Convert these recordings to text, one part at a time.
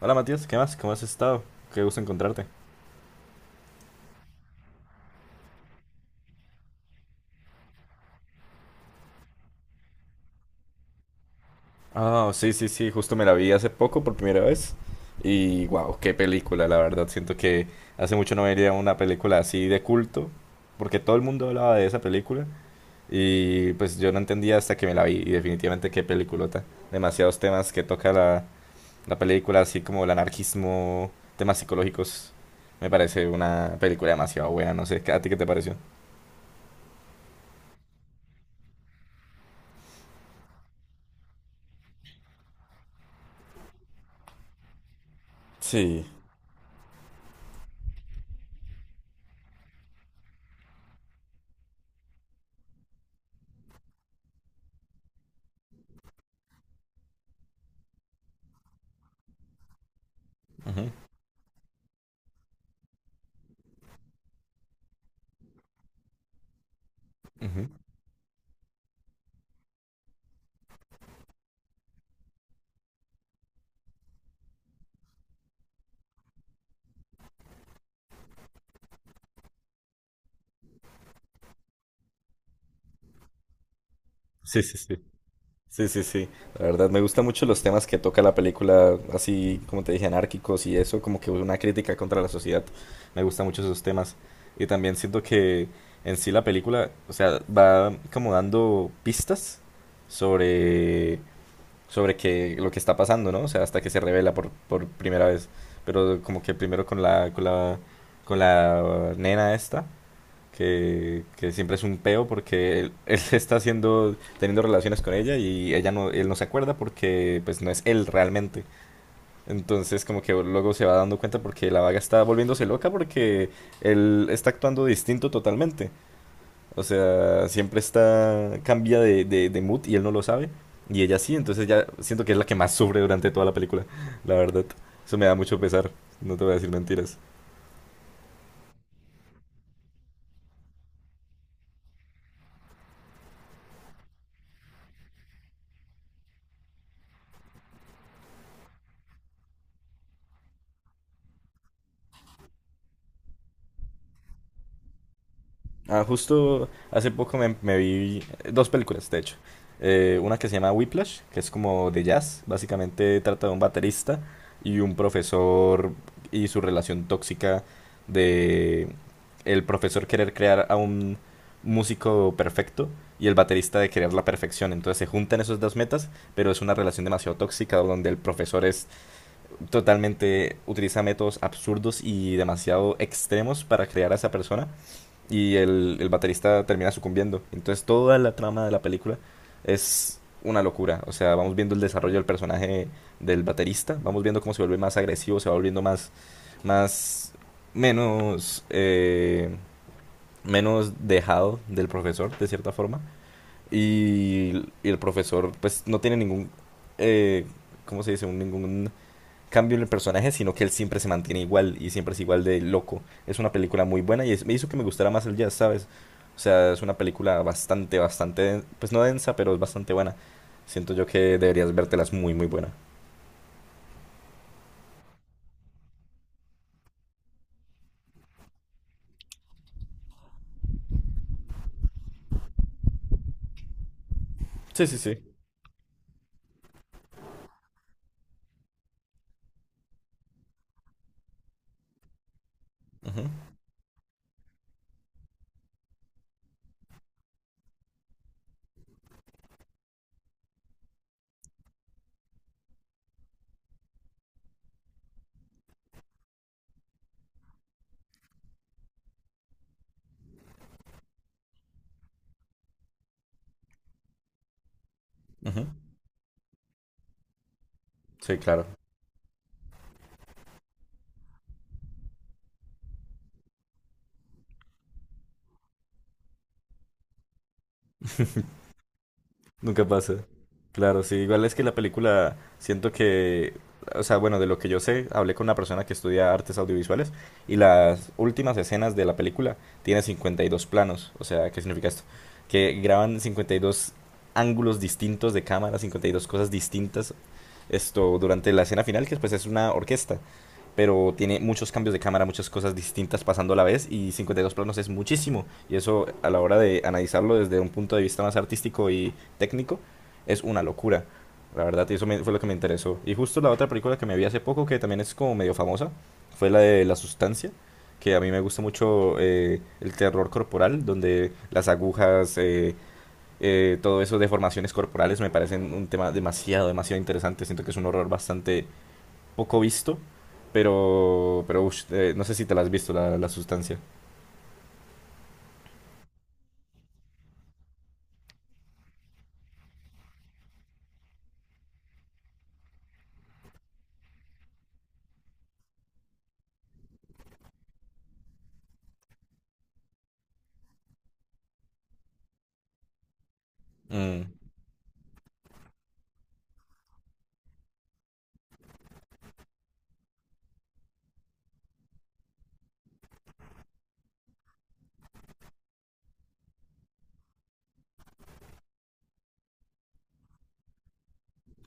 Hola Matías, ¿qué más? ¿Cómo has estado? Qué gusto encontrarte. Ah, sí, sí, sí, justo me la vi hace poco por primera vez. Y wow, qué película, la verdad. Siento que hace mucho no veía una película así de culto, porque todo el mundo hablaba de esa película. Y pues yo no entendía hasta que me la vi. Y definitivamente qué peliculota. Demasiados temas que toca la película, así como el anarquismo, temas psicológicos. Me parece una película demasiado buena, no sé. ¿A ti qué te pareció? Sí. Ujú, ujú. Sí, sí, sí. Sí, sí, sí. La verdad, me gustan mucho los temas que toca la película, así como te dije, anárquicos y eso, como que una crítica contra la sociedad. Me gustan mucho esos temas. Y también siento que en sí la película, o sea, va como dando pistas sobre, sobre que, lo que está pasando, ¿no? O sea, hasta que se revela por primera vez. Pero como que primero con con la nena esta que siempre es un peo porque él, él está haciendo, teniendo relaciones con ella y ella no, él no se acuerda porque pues no es él realmente. Entonces como que luego se va dando cuenta porque la vaga está volviéndose loca porque él está actuando distinto totalmente. O sea, siempre está, cambia de mood y él no lo sabe. Y ella sí, entonces ya siento que es la que más sufre durante toda la película, la verdad. Eso me da mucho pesar, no te voy a decir mentiras. Ah, justo hace poco me vi dos películas, de hecho. Una que se llama Whiplash, que es como de jazz. Básicamente trata de un baterista y un profesor y su relación tóxica de el profesor querer crear a un músico perfecto y el baterista de querer la perfección. Entonces se juntan esos dos metas, pero es una relación demasiado tóxica donde el profesor es totalmente utiliza métodos absurdos y demasiado extremos para crear a esa persona y el baterista termina sucumbiendo. Entonces toda la trama de la película es una locura. O sea, vamos viendo el desarrollo del personaje del baterista, vamos viendo cómo se vuelve más agresivo, se va volviendo más, menos, menos dejado del profesor, de cierta forma. Y el profesor, pues, no tiene eh, ¿cómo se dice? Ningún cambio en el personaje, sino que él siempre se mantiene igual y siempre es igual de loco. Es una película muy buena y es- me hizo que me gustara más el jazz, ¿sabes? O sea, es una película bastante, den- pues no densa, pero es bastante buena. Siento yo que deberías vértelas muy, muy buena. Sí, sí, sí. Ujú, ujú. Sí, claro. Nunca pasa. Claro, sí. Igual es que la película, siento que, o sea, bueno, de lo que yo sé, hablé con una persona que estudia artes audiovisuales y las últimas escenas de la película tiene 52 planos. O sea, ¿qué significa esto? Que graban 52 ángulos distintos de cámara, 52 cosas distintas. Esto durante la escena final, que pues es una orquesta pero tiene muchos cambios de cámara, muchas cosas distintas pasando a la vez y 52 planos es muchísimo. Y eso a la hora de analizarlo desde un punto de vista más artístico y técnico es una locura. La verdad, y eso me- fue lo que me interesó. Y justo la otra película que me vi hace poco, que también es como medio famosa, fue la de La Sustancia, que a mí me gusta mucho el terror corporal, donde las agujas, todo eso, deformaciones corporales, me parecen un tema demasiado, demasiado interesante. Siento que es un horror bastante poco visto, pero ush, no sé si te la has visto la sustancia. Mm.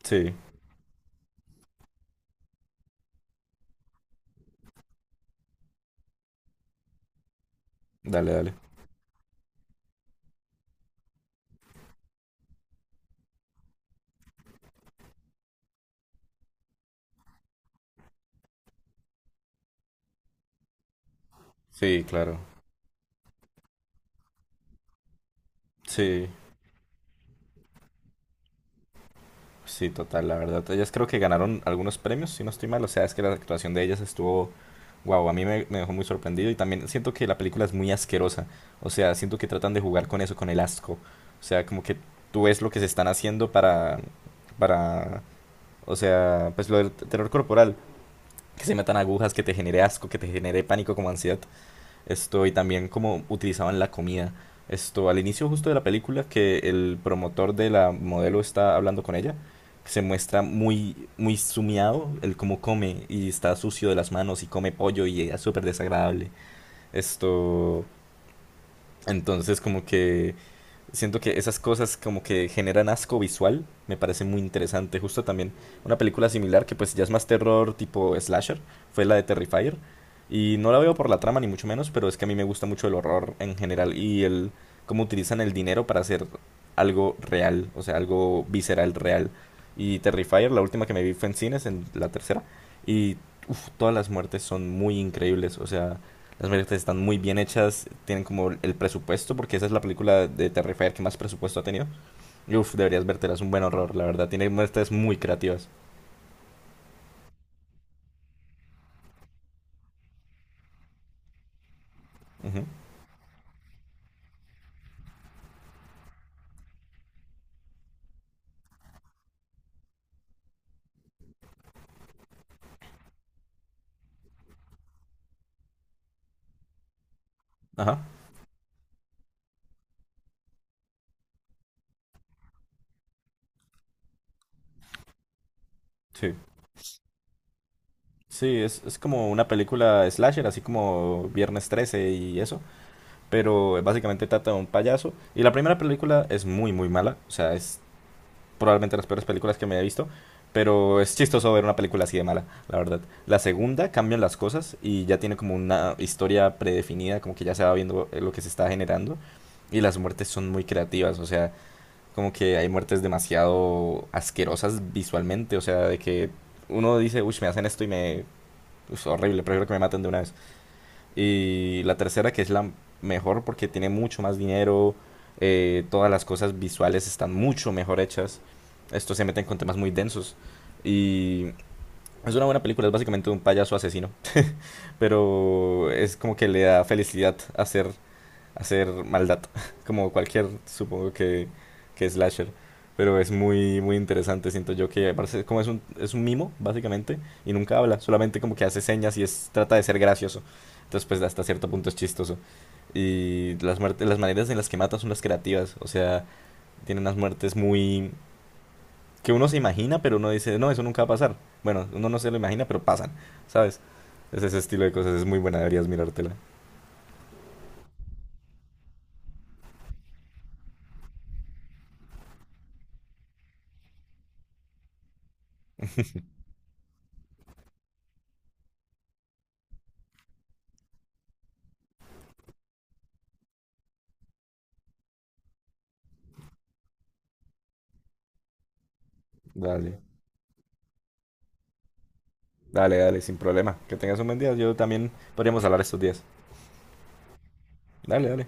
Sí, dale, dale. Sí, claro. Sí, sí, total, la verdad. Ellas creo que ganaron algunos premios, si no estoy mal. O sea, es que la actuación de ellas estuvo, wow, a mí me dejó muy sorprendido y también siento que la película es muy asquerosa. O sea, siento que tratan de jugar con eso, con el asco. O sea, como que tú ves lo que se están haciendo para, o sea, pues lo del terror corporal. Que se metan agujas, que te genere asco, que te genere pánico como ansiedad. Esto, y también cómo utilizaban la comida. Esto, al inicio justo de la película, que el promotor de la modelo está hablando con ella, se muestra muy, muy sumiado el cómo come y está sucio de las manos y come pollo y es súper desagradable. Esto, entonces como que siento que esas cosas como que generan asco visual, me parece muy interesante. Justo también una película similar que pues ya es más terror tipo slasher, fue la de Terrifier. Y no la veo por la trama ni mucho menos, pero es que a mí me gusta mucho el horror en general y el cómo utilizan el dinero para hacer algo real, o sea, algo visceral real. Y Terrifier, la última que me vi fue en cines, en la tercera, y uf, todas las muertes son muy increíbles, o sea, las marionetas están muy bien hechas, tienen como el presupuesto, porque esa es la película de Terrifier que más presupuesto ha tenido. Y uf, deberías vértela, es un buen horror, la verdad. Tiene muestras muy creativas. Ujú. Ajá, sí. Sí, es como una película slasher, así como Viernes 13 y eso, pero básicamente trata de un payaso. Y la primera película es muy, muy mala, o sea, es probablemente las peores películas que me haya visto. Pero es chistoso ver una película así de mala, la verdad. La segunda cambian las cosas y ya tiene como una historia predefinida, como que ya se va viendo lo que se está generando. Y las muertes son muy creativas, o sea, como que hay muertes demasiado asquerosas visualmente, o sea, de que uno dice, uy, me hacen esto y me... Es horrible, prefiero que me maten de una vez. Y la tercera, que es la mejor porque tiene mucho más dinero, todas las cosas visuales están mucho mejor hechas. Estos se meten con temas muy densos. Y es una buena película, es básicamente un payaso asesino, pero es como que le da felicidad hacer hacer maldad, como cualquier, supongo que slasher. Pero es muy, muy interesante, siento yo que parece como es es un mimo, básicamente, y nunca habla, solamente como que hace señas y es, trata de ser gracioso. Entonces, pues hasta cierto punto es chistoso. Y las, muertes, las maneras en las que mata son las creativas, o sea, tienen unas muertes muy... que uno se imagina, pero uno dice, no, eso nunca va a pasar. Bueno, uno no se lo imagina, pero pasan, ¿sabes? Es ese estilo de cosas, es muy buena, deberías mirártela. Dale. Dale, dale, sin problema. Que tengas un buen día. Yo también podríamos hablar estos días. Dale, dale.